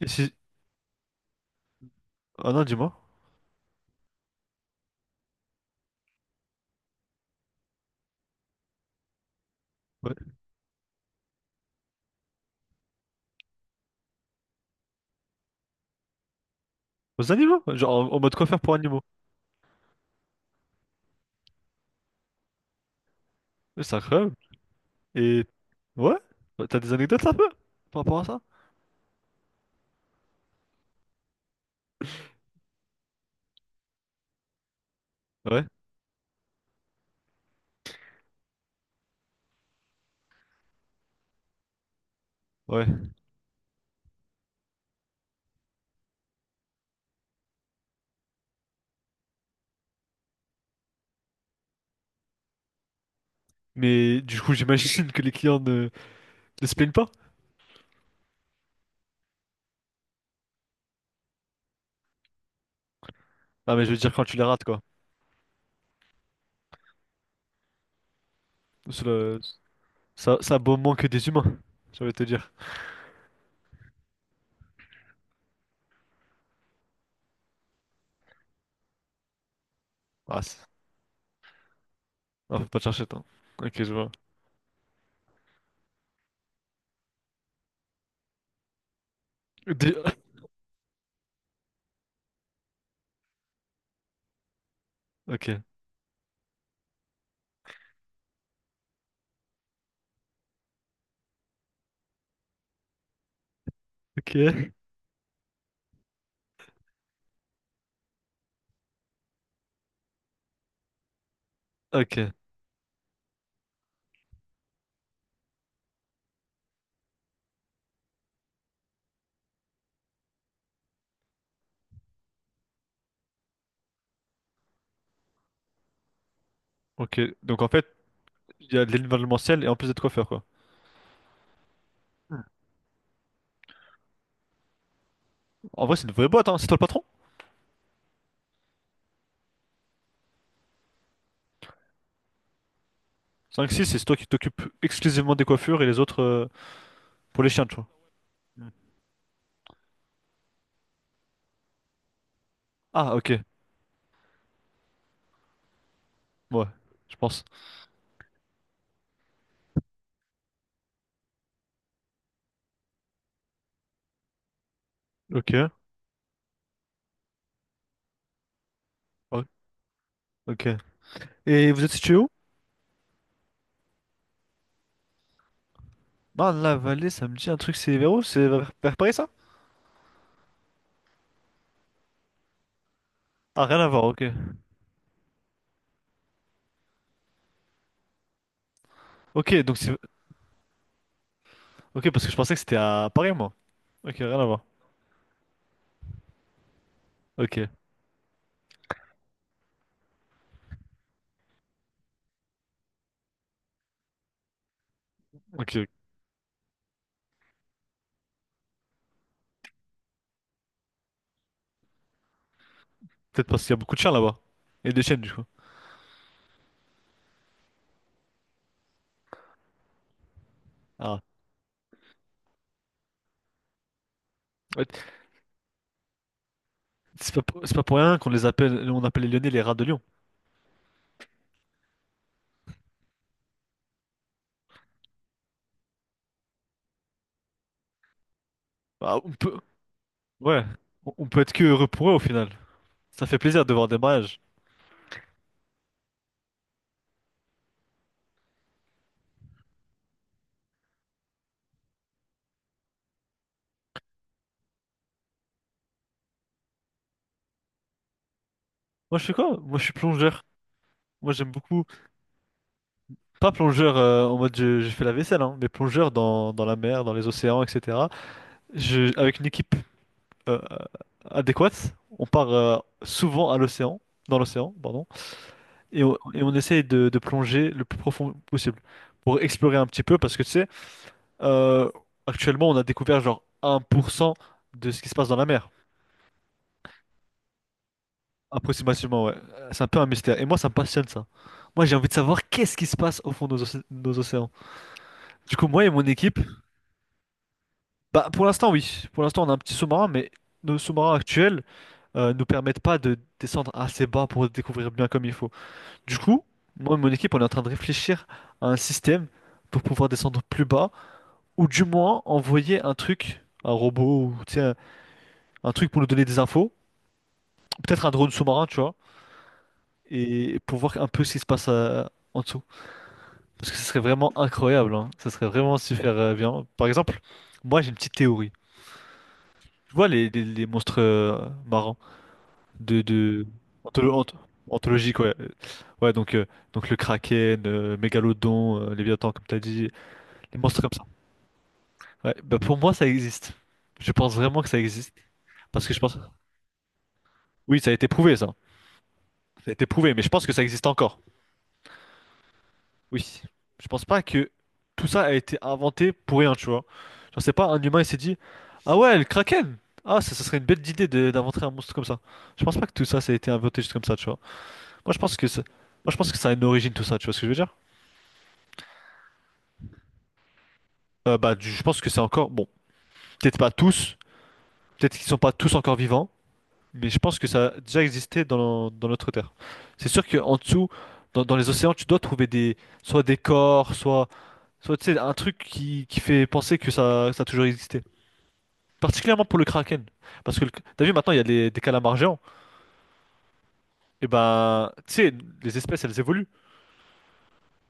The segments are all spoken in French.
Et si... Ah non, dis-moi. Ouais. Aux animaux, genre en mode coiffeur pour animaux. Mais c'est incroyable. Et ouais, t'as des anecdotes un peu par rapport à ça? Ouais, ouais. Mais du coup, j'imagine que les clients ne se plaignent pas. Ah, mais je veux dire, quand tu les rates, quoi. Sous le- Ça, ça vaut moins que des humains, j'allais te dire. Ah, c'est- ah, faut pas te chercher, attends. Ok, je vois. Des- Ok, ok, ok, ok. Donc en fait, il y a de l'événementiel et en plus d'être coiffeur, quoi. En vrai, c'est une vraie boîte, hein. C'est toi le patron? Cinq six, c'est toi qui t'occupes exclusivement des coiffures et les autres pour les chiens, tu vois. Ah, ok. Ouais, je pense. Ok. Ouais, ok. Et vous êtes situé où? Dans la vallée, ça me dit un truc, c'est vers où? C'est vers Paris, ça? Ah, rien à voir, ok. Ok, donc c'est... Ok, parce que je pensais que c'était à Paris, moi. Ok, rien à voir. Ok, ok. Peut-être parce qu'il y a beaucoup de chiens là-bas. Et des chiennes, du coup. Ah. Ouais. C'est pas, c'est pas pour rien qu'on les appelle... On appelle les Lyonnais les rats de Lyon. Bah, on peut... Ouais. On peut être que heureux pour eux, au final. Ça fait plaisir de voir des mariages. Moi, je fais quoi? Moi, je suis plongeur. Moi, j'aime beaucoup, pas plongeur en mode je fais la vaisselle, hein, mais plongeur dans la mer, dans les océans, etc. Je, avec une équipe euh, euh, adéquate, on part souvent à l'océan, dans l'océan, pardon, et on essaye de plonger le plus profond possible pour explorer un petit peu, parce que tu sais, euh, actuellement, on a découvert genre 1% de ce qui se passe dans la mer, approximativement, ouais. C'est un peu un mystère. Et moi, ça me passionne ça. Moi, j'ai envie de savoir qu'est-ce qui se passe au fond de nos océans. Du coup, moi et mon équipe, bah, pour l'instant, oui. Pour l'instant, on a un petit sous-marin, mais nos sous-marins actuels nous permettent pas de descendre assez bas pour découvrir bien comme il faut. Du coup, moi et mon équipe, on est en train de réfléchir à un système pour pouvoir descendre plus bas, ou du moins envoyer un truc, un robot, ou tu sais, un truc pour nous donner des infos, peut-être un drone sous-marin, tu vois, et pour voir un peu ce qui se passe en dessous. Parce que ce serait vraiment incroyable, hein. Ça serait vraiment super bien. Par exemple, moi j'ai une petite théorie. Tu vois les monstres marrants de antholo- anth- anthologiques, ouais. Ouais, donc le Kraken, Mégalodon, Léviathan, comme t'as dit, les monstres comme ça. Ouais, bah pour moi, ça existe. Je pense vraiment que ça existe. Parce que je pense. Oui, ça a été prouvé, ça. Ça a été prouvé, mais je pense que ça existe encore. Oui. Je pense pas que tout ça a été inventé pour rien, tu vois. Genre, c'est pas un humain, il s'est dit, ah ouais, le Kraken! Ah, ça serait une belle idée d'inventer un monstre comme ça. Je pense pas que tout ça, ça a été inventé juste comme ça, tu vois. Moi, je pense que ça, Moi, je pense que ça a une origine tout ça, tu vois ce que je veux dire? Bah, je pense que c'est encore, bon, peut-être pas tous, peut-être qu'ils sont pas tous encore vivants, mais je pense que ça a déjà existé dans notre Terre. C'est sûr qu'en dessous, dans les océans, tu dois trouver des, soit des corps, soit, soit tu sais, un truc qui fait penser que ça a toujours existé. Particulièrement pour le Kraken, parce que t'as vu maintenant il y a des calamars géants, et ben, tu sais, les espèces elles évoluent.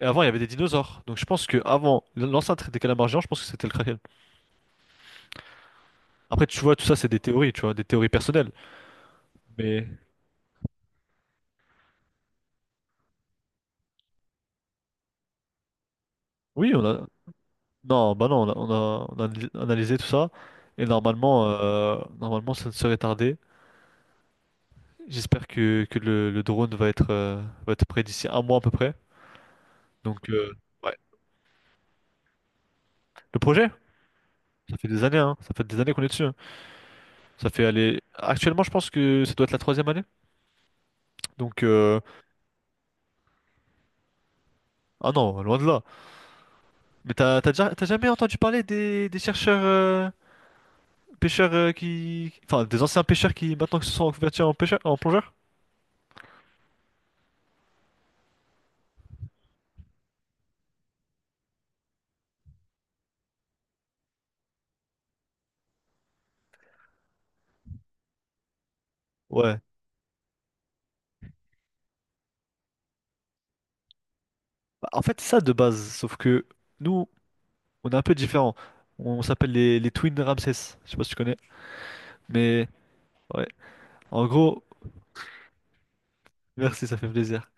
Et avant il y avait des dinosaures, donc je pense que avant l'ancêtre des calamars géants, je pense que c'était le Kraken. Après, tu vois, tout ça, c'est des théories, tu vois, des théories personnelles. Mais oui, on a. Non, bah non, on a analysé tout ça. Et normalement, ça ne serait tardé. J'espère que le drone va être, prêt d'ici un mois à peu près. Donc, ouais. Le projet, ça fait des années, hein. Ça fait des années qu'on est dessus. Hein. Ça fait aller. Actuellement, je pense que ça doit être la troisième année. Donc, euh, ah non, loin de là. Mais t'as jamais entendu parler des chercheurs. Pêcheurs qui... Enfin, des anciens pêcheurs qui maintenant se sont reconvertis en pêcheurs, en plongeurs? Ouais. Bah, en fait, c'est ça de base, sauf que nous, on est un peu différents. On s'appelle les Twin Ramsès. Je sais pas si tu connais. Mais ouais, en gros, merci, ça fait plaisir.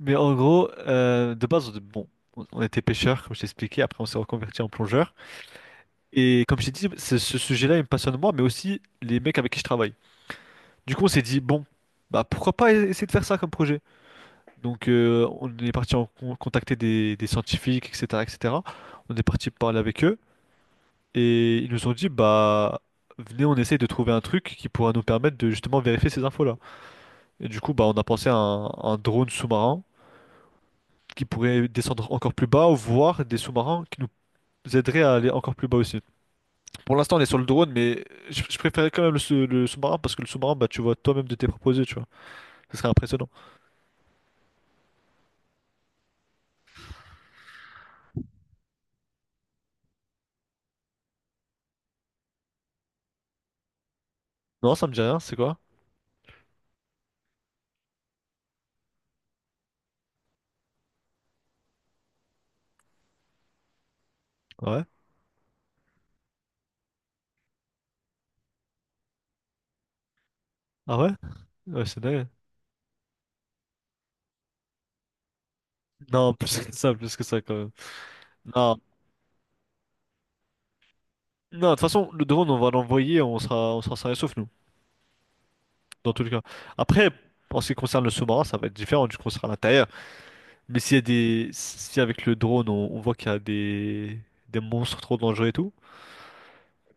Mais en gros, de base, bon, on était pêcheurs, comme je t'ai expliqué. Après, on s'est reconverti en plongeurs. Et comme je t'ai dit, ce sujet-là, il me passionne moi, mais aussi les mecs avec qui je travaille. Du coup, on s'est dit, bon, bah pourquoi pas essayer de faire ça comme projet? Donc, on est parti en contacter des scientifiques, etc., etc. On est parti parler avec eux et ils nous ont dit, bah, venez, on essaye de trouver un truc qui pourra nous permettre de justement vérifier ces infos-là. Et du coup, bah, on a pensé à un drone sous-marin qui pourrait descendre encore plus bas, ou voir des sous-marins qui nous aideraient à aller encore plus bas aussi. Pour l'instant, on est sur le drone, mais je préférais quand même le sous-marin parce que le sous-marin, bah, tu vois toi-même de tes proposés, tu vois. Ce serait impressionnant. Non, ça me dit rien, c'est quoi? Ouais. Ah ouais? Ouais, c'est dingue. Non, plus que ça quand même. Non, non, de toute façon, le drone, on va l'envoyer, on sera sain et sauf, nous, dans tous les cas. Après, en ce qui concerne le sous-marin, ça va être différent, du coup, on sera à l'intérieur. Mais s'il y a des. Si avec le drone, on voit qu'il y a des... monstres trop dangereux et tout,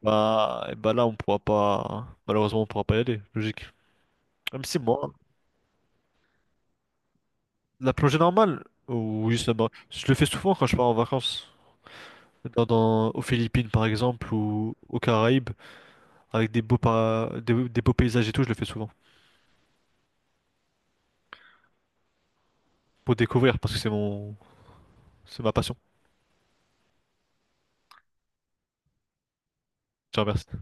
bah, eh bah là, on pourra pas. Malheureusement, on pourra pas y aller, logique. Même si moi, la plongée normale, oui, ça va. Je le fais souvent quand je pars en vacances. Aux Philippines, par exemple, ou aux Caraïbes, avec des beaux paysages et tout, je le fais souvent. Pour découvrir parce que c'est mon c'est ma passion. Je te remercie.